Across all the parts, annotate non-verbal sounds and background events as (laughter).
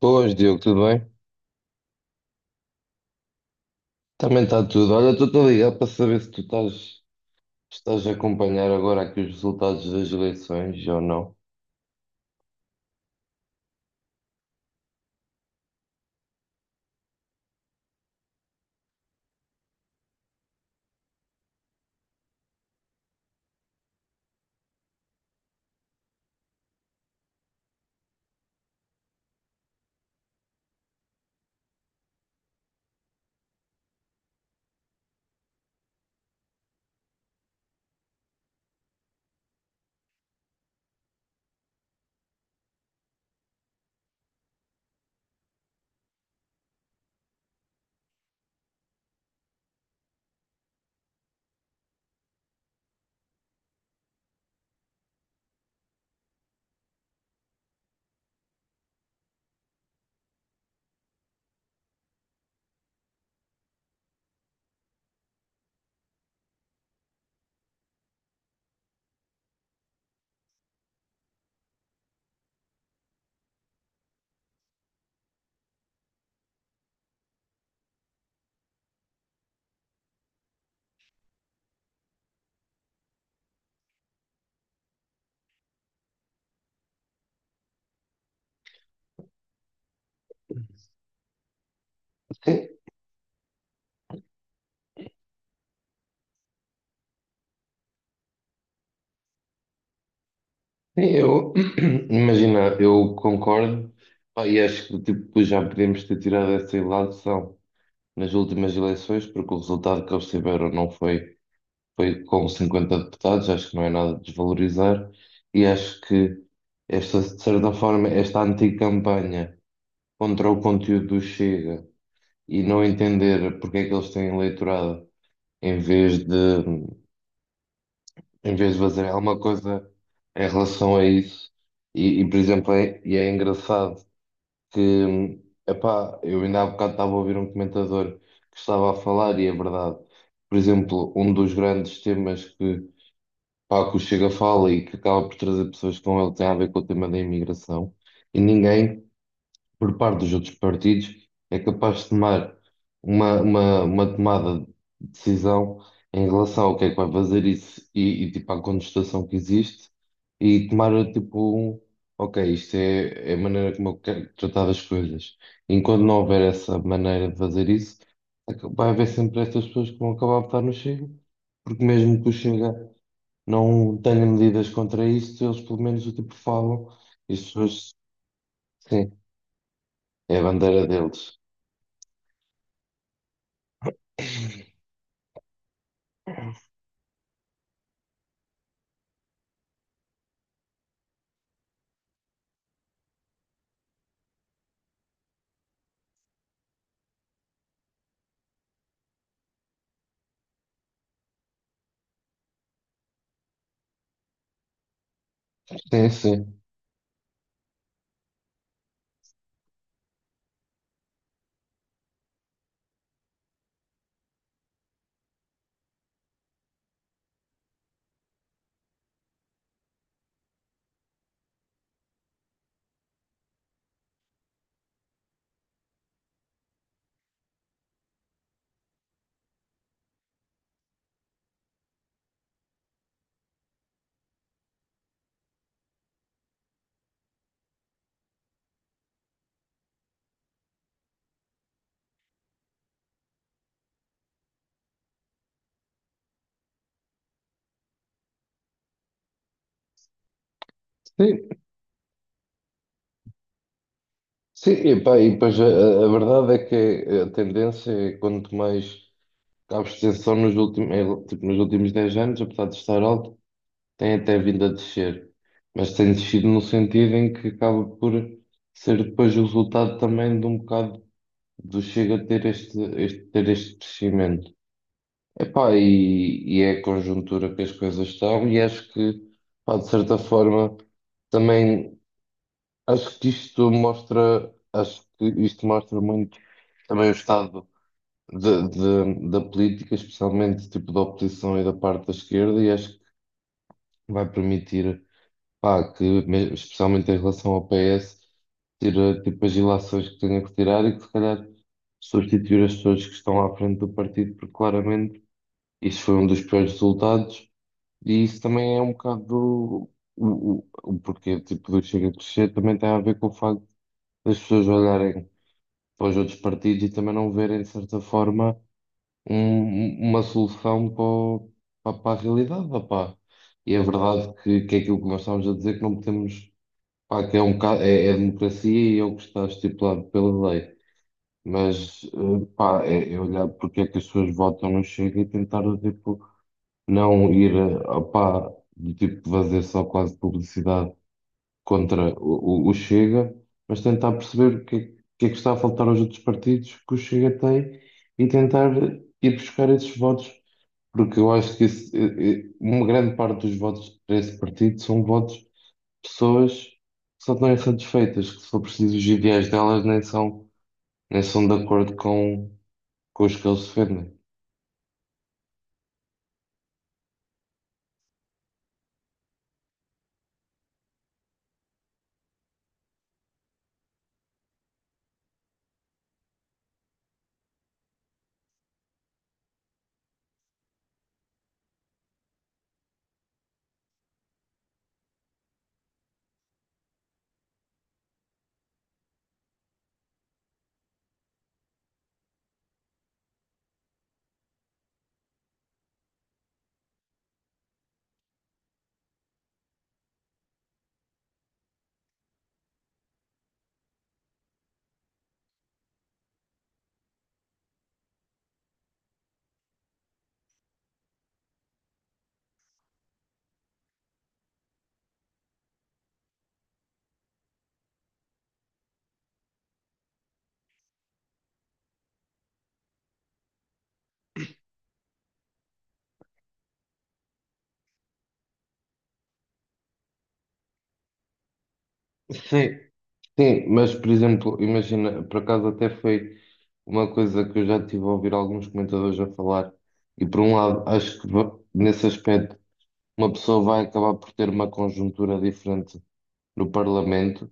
Boas, Diogo, tudo bem? Também está tudo. Olha, estou-te a ligar para saber se tu estás a acompanhar agora aqui os resultados das eleições ou não. Sim, sim, eu, (clears throat) imagina, eu concordo. Pá, e acho que tipo, já podemos ter tirado essa ilação nas últimas eleições, porque o resultado que eles tiveram não foi, foi com 50 deputados, acho que não é nada de desvalorizar, e acho que esta, de certa forma, esta anticampanha contra o conteúdo do Chega, e não entender porque é que eles têm eleitorado em vez de em vez de fazer alguma coisa em relação a isso. E, por exemplo, e é engraçado que, epá, eu ainda há bocado estava a ouvir um comentador que estava a falar e é verdade. Por exemplo, um dos grandes temas que, pá, que o Chega fala e que acaba por trazer pessoas com ele tem a ver com o tema da imigração. E ninguém, por parte dos outros partidos, é capaz de tomar uma tomada de decisão em relação ao que é que vai fazer isso e, tipo à contestação que existe, e tomar tipo um, ok, isto é a maneira como eu quero tratar as coisas. Enquanto não houver essa maneira de fazer isso, vai haver sempre estas pessoas que vão acabar a votar no Chega, porque mesmo que o Chega não tenha medidas contra isto, eles pelo menos o tipo falam, e as pessoas, sim, é a bandeira deles. Sim, sim. Sim, sim, e, pá, e depois a verdade é que a tendência é quanto mais a abstenção nos últimos, é, tipo, nos últimos 10 anos, apesar de estar alto, tem até vindo a descer. Mas tem descido no sentido em que acaba por ser depois o resultado também de um bocado do Chega a ter ter este crescimento. Epá, e é a conjuntura que as coisas estão, e acho que, pá, de certa forma, também. Acho que isto mostra muito também o estado da política, especialmente tipo da oposição e da parte da esquerda, e acho que vai permitir, pá, especialmente em relação ao PS, tira tipo as ilações que tenha que tirar e que se calhar substituir as pessoas que estão à frente do partido, porque claramente isso foi um dos piores resultados, e isso também é um bocado do, o porquê tipo do Chega a crescer, também tem a ver com o facto das pessoas olharem para os outros partidos e também não verem, de certa forma, um- uma solução para, para a realidade, opá. E é verdade que é aquilo que nós estávamos a dizer, que não podemos, pá, que é, um, é a democracia e é o que está estipulado pela lei. Mas, eh, pá, é olhar porque é que as pessoas votam no Chega e tentar, tipo, não ir, eh, opá, do tipo, fazer só quase publicidade contra o Chega, mas tentar perceber o que é que está a faltar aos outros partidos que o Chega tem, e tentar ir buscar esses votos, porque eu acho que uma grande parte dos votos para esse partido são votos de pessoas que só estão insatisfeitas, que se for preciso os ideais delas nem são de acordo com os que eles defendem. Sim. Sim, mas por exemplo, imagina, por acaso até foi uma coisa que eu já tive a ouvir alguns comentadores a falar, e por um lado, acho que nesse aspecto uma pessoa vai acabar por ter uma conjuntura diferente no Parlamento,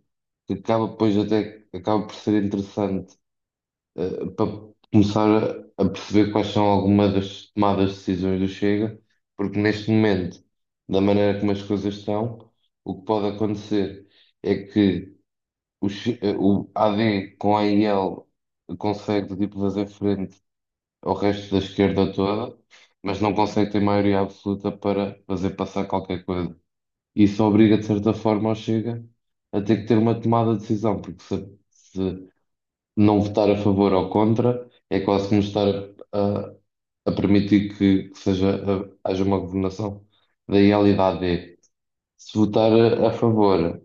que acaba depois até acaba por ser interessante, eh, para começar a perceber quais são algumas das tomadas de decisões do Chega, porque neste momento, da maneira como as coisas estão, o que pode acontecer é que o AD com a IL consegue tipo fazer frente ao resto da esquerda toda, mas não consegue ter maioria absoluta para fazer passar qualquer coisa. Isso obriga, de certa forma, ao Chega a ter que ter uma tomada de decisão, porque se não votar a favor ou contra, é quase como estar a, a- a permitir que seja, haja uma governação da IL e da AD. Se votar a favor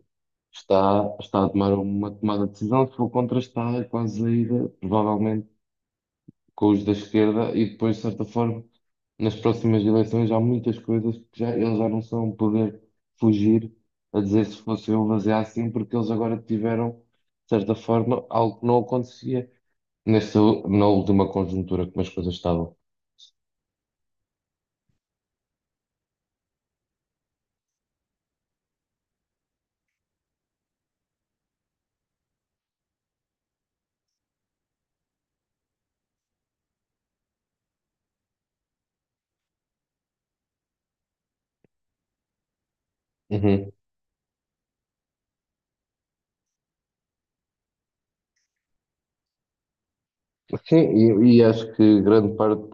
está, está a tomar uma tomada de decisão, se for contra, está quase a ir, provavelmente, com os da esquerda, e depois, de certa forma, nas próximas eleições há muitas coisas que já, eles já não são um poder fugir a dizer se fosse eu fazer assim, porque eles agora tiveram, de certa forma, algo que não acontecia nesta, na última conjuntura como as coisas estavam. Uhum. Sim, e acho que grande parte,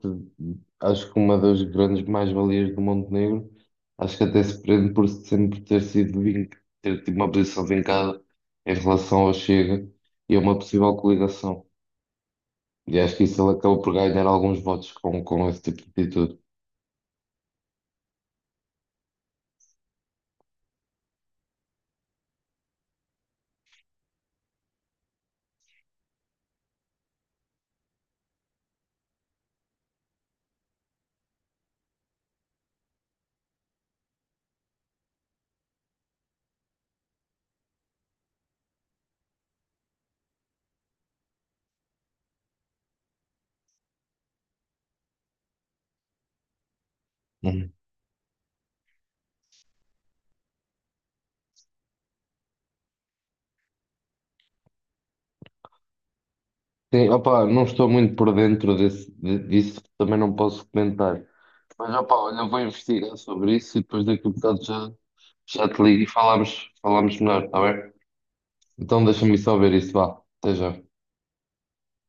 acho que uma das grandes mais-valias do Montenegro, acho que até se prende por sempre ter sido ter tido uma posição vincada em relação ao Chega e a uma possível coligação. E acho que isso ele acaba por ganhar alguns votos com esse tipo de atitude. Uhum. Sim, opá, não estou muito por dentro disso, também não posso comentar. Mas opá, olha, eu vou investigar sobre isso e depois daqui a bocado já, já te ligo e falamos, falamos melhor, está bem? Então deixa-me só ver isso, vá. Até já.